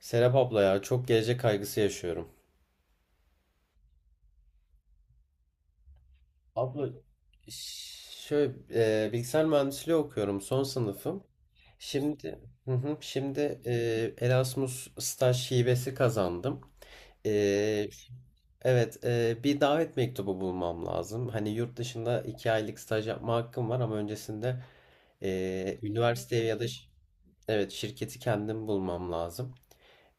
Serap abla ya çok gelecek kaygısı yaşıyorum. Abla, şöyle bilgisayar mühendisliği okuyorum, son sınıfım. Şimdi hı hı, şimdi Erasmus staj hibesi kazandım. E, evet, bir davet mektubu bulmam lazım. Hani yurt dışında 2 aylık staj yapma hakkım var ama öncesinde üniversiteye ya da evet, şirketi kendim bulmam lazım.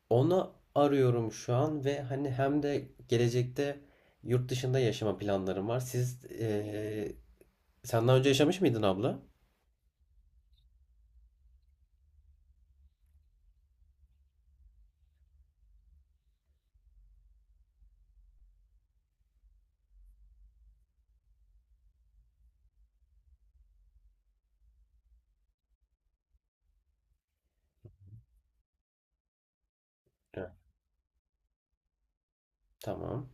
Onu arıyorum şu an ve hani hem de gelecekte yurt dışında yaşama planlarım var. Siz Sen daha önce yaşamış mıydın abla? Evet. Tamam.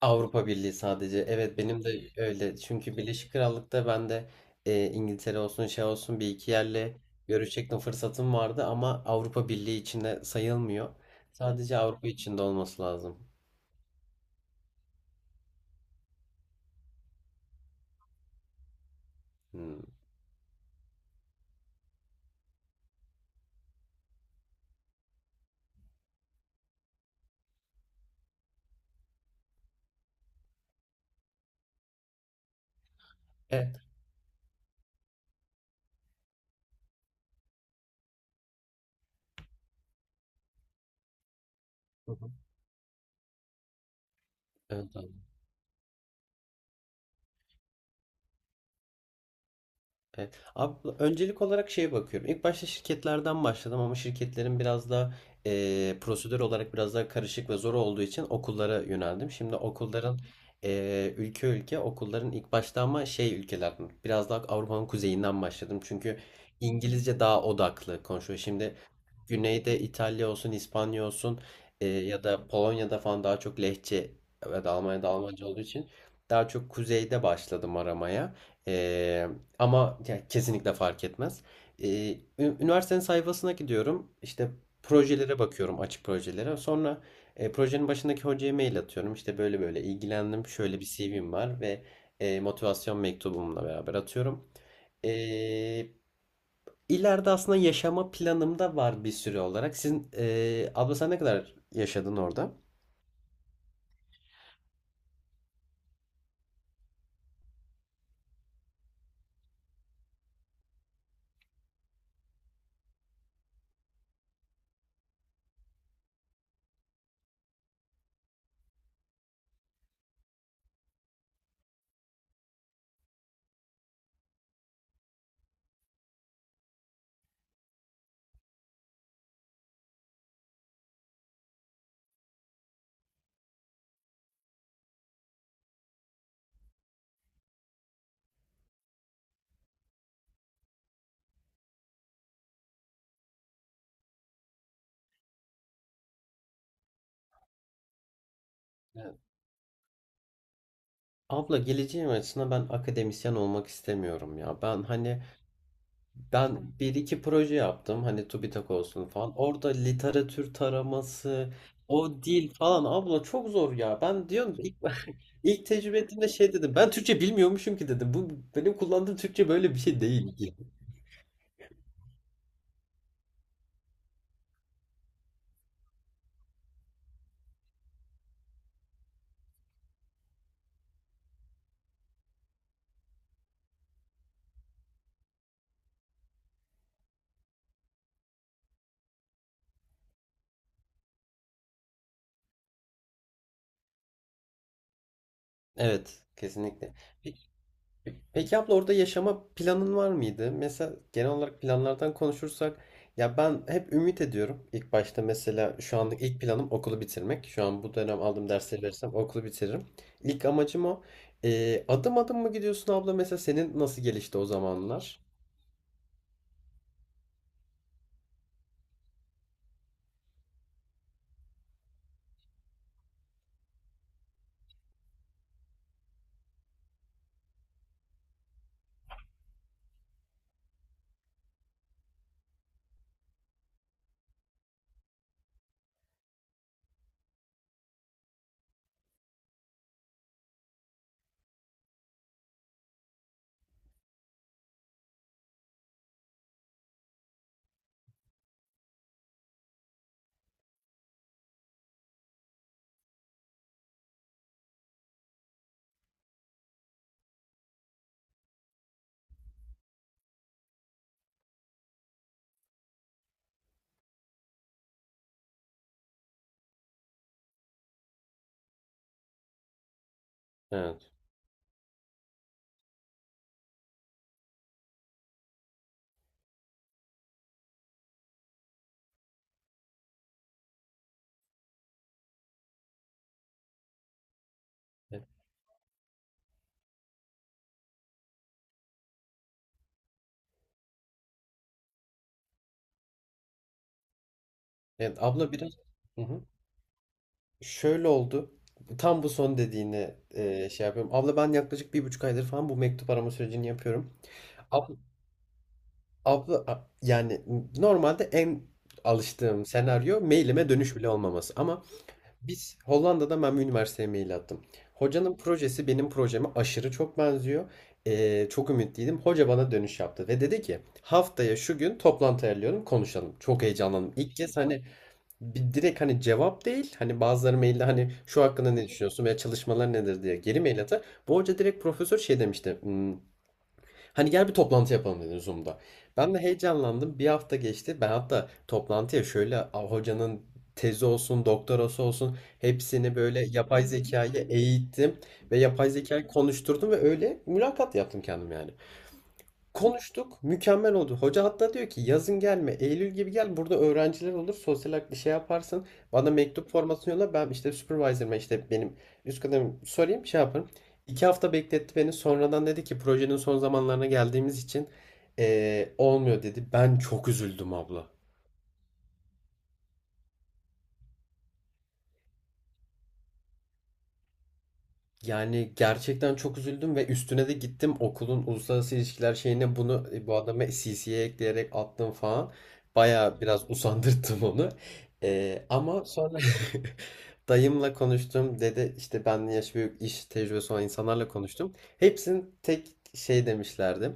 Avrupa Birliği sadece. Evet, benim de öyle. Çünkü Birleşik Krallık'ta ben de İngiltere olsun, şey olsun bir iki yerle görüşecektim, fırsatım vardı ama Avrupa Birliği içinde sayılmıyor. Sadece Avrupa içinde olması lazım. Hmm. Evet. Hı hı. Evet, evet. Abi, öncelik olarak şeye bakıyorum. İlk başta şirketlerden başladım ama şirketlerin biraz da prosedür olarak biraz daha karışık ve zor olduğu için okullara yöneldim. Şimdi okulların ülke ülke okulların ilk başta, ama şey ülkeler biraz daha Avrupa'nın kuzeyinden başladım. Çünkü İngilizce daha odaklı konuşuyor. Şimdi güneyde İtalya olsun, İspanya olsun ya da Polonya'da falan daha çok lehçe ve de Almanya'da Almanca olduğu için daha çok kuzeyde başladım aramaya. E, Ama ya, kesinlikle fark etmez. E, Üniversitenin sayfasına gidiyorum. İşte projelere bakıyorum, açık projelere. Sonra projenin başındaki hocaya mail atıyorum. İşte böyle böyle ilgilendim. Şöyle bir CV'm var ve motivasyon mektubumla beraber atıyorum. E, İleride aslında yaşama planımda var bir süre olarak. Sizin Abla, sen ne kadar yaşadın orada? Evet. Abla, geleceğim açısından ben akademisyen olmak istemiyorum ya. Ben bir iki proje yaptım, hani TÜBİTAK olsun falan. Orada literatür taraması, o dil falan abla çok zor ya. Ben diyorum ilk, ilk tecrübe ettiğimde şey dedim. Ben Türkçe bilmiyormuşum ki dedim. Bu benim kullandığım Türkçe böyle bir şey değil. Evet, kesinlikle. Peki, peki abla, orada yaşama planın var mıydı? Mesela genel olarak planlardan konuşursak, ya ben hep ümit ediyorum. İlk başta mesela şu anlık ilk planım okulu bitirmek. Şu an bu dönem aldığım dersleri verirsem okulu bitiririm. İlk amacım o. Adım adım mı gidiyorsun abla? Mesela senin nasıl gelişti o zamanlar? Evet. Evet abla, biraz, hı hı, şöyle oldu. Tam bu son dediğini şey yapıyorum. Abla, ben yaklaşık 1,5 aydır falan bu mektup arama sürecini yapıyorum. Abla, abla, yani normalde en alıştığım senaryo mailime dönüş bile olmaması. Ama Hollanda'da ben bir üniversiteye mail attım. Hocanın projesi benim projeme aşırı çok benziyor. Çok ümitliydim. Hoca bana dönüş yaptı ve dedi ki haftaya şu gün toplantı ayarlıyorum, konuşalım. Çok heyecanlandım. İlk kez, hani bir direkt hani cevap değil, hani bazıları mailde hani şu hakkında ne düşünüyorsun veya çalışmalar nedir diye geri mail atar. Bu hoca direkt profesör şey demişti. Hmm, hani gel bir toplantı yapalım dedi Zoom'da. Ben de heyecanlandım. Bir hafta geçti. Ben hatta toplantıya şöyle hocanın tezi olsun, doktorası olsun hepsini böyle yapay zekayı eğittim ve yapay zekayı konuşturdum ve öyle mülakat yaptım kendim yani. Konuştuk. Mükemmel oldu. Hoca hatta diyor ki yazın gelme, Eylül gibi gel. Burada öğrenciler olur. Sosyal bir şey yaparsın. Bana mektup formatını yolla. Ben işte supervisor'ıma, işte benim üst kademim sorayım, şey yaparım. 2 hafta bekletti beni. Sonradan dedi ki projenin son zamanlarına geldiğimiz için olmuyor dedi. Ben çok üzüldüm abla. Yani gerçekten çok üzüldüm ve üstüne de gittim, okulun uluslararası ilişkiler şeyine bunu, bu adama CC'ye ekleyerek attım falan. Baya biraz usandırttım onu. Ama sonra dayımla konuştum. Dede, işte benden yaş büyük iş tecrübesi olan insanlarla konuştum. Hepsinin tek şey demişlerdi.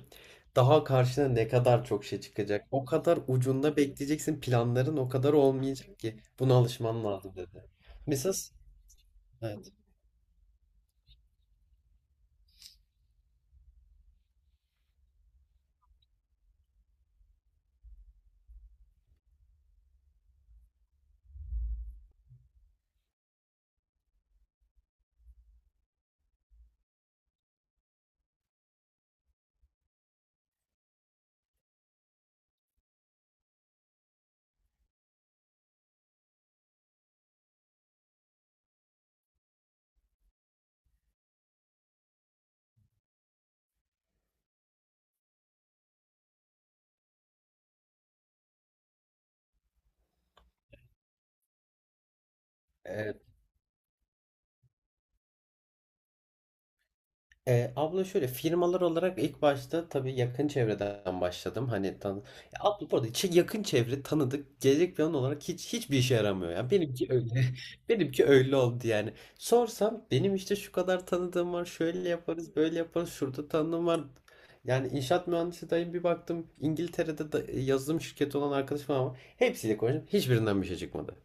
Daha karşına ne kadar çok şey çıkacak, o kadar ucunda bekleyeceksin. Planların o kadar olmayacak ki. Buna alışman lazım dedi. Mesela evet. Abla, şöyle firmalar olarak ilk başta tabii yakın çevreden başladım. Hani tan. Ya abla, bu arada yakın çevre tanıdık gelecek plan olarak hiç hiçbir işe yaramıyor yani. Benimki öyle. Benimki öyle oldu yani. Sorsam, benim işte şu kadar tanıdığım var. Şöyle yaparız, böyle yaparız. Şurada tanıdığım var. Yani inşaat mühendisi dayım, bir baktım. İngiltere'de da yazılım şirketi olan arkadaşım var ama hepsiyle konuştum. Hiçbirinden bir şey çıkmadı.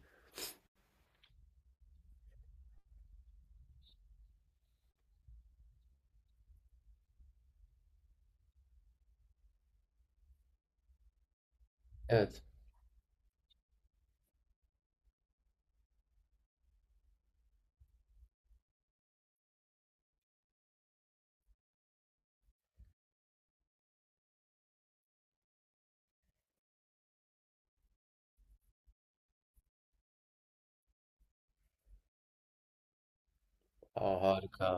Evet. Aa, harika.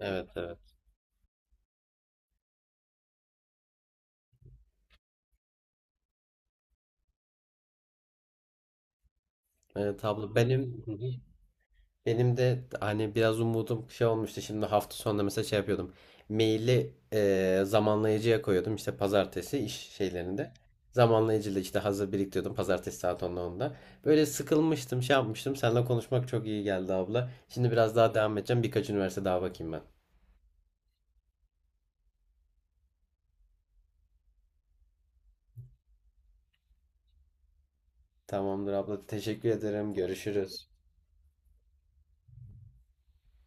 Evet, evet. Evet abla, benim de hani biraz umudum şey olmuştu. Şimdi hafta sonunda mesela şey yapıyordum. Maili zamanlayıcıya koyuyordum. İşte pazartesi iş şeylerinde. Zamanlayıcıyla işte hazır biriktiriyordum. Pazartesi saat onda. Böyle sıkılmıştım, şey yapmıştım. Seninle konuşmak çok iyi geldi abla. Şimdi biraz daha devam edeceğim. Birkaç üniversite daha bakayım ben. Tamamdır abla. Teşekkür ederim. Görüşürüz.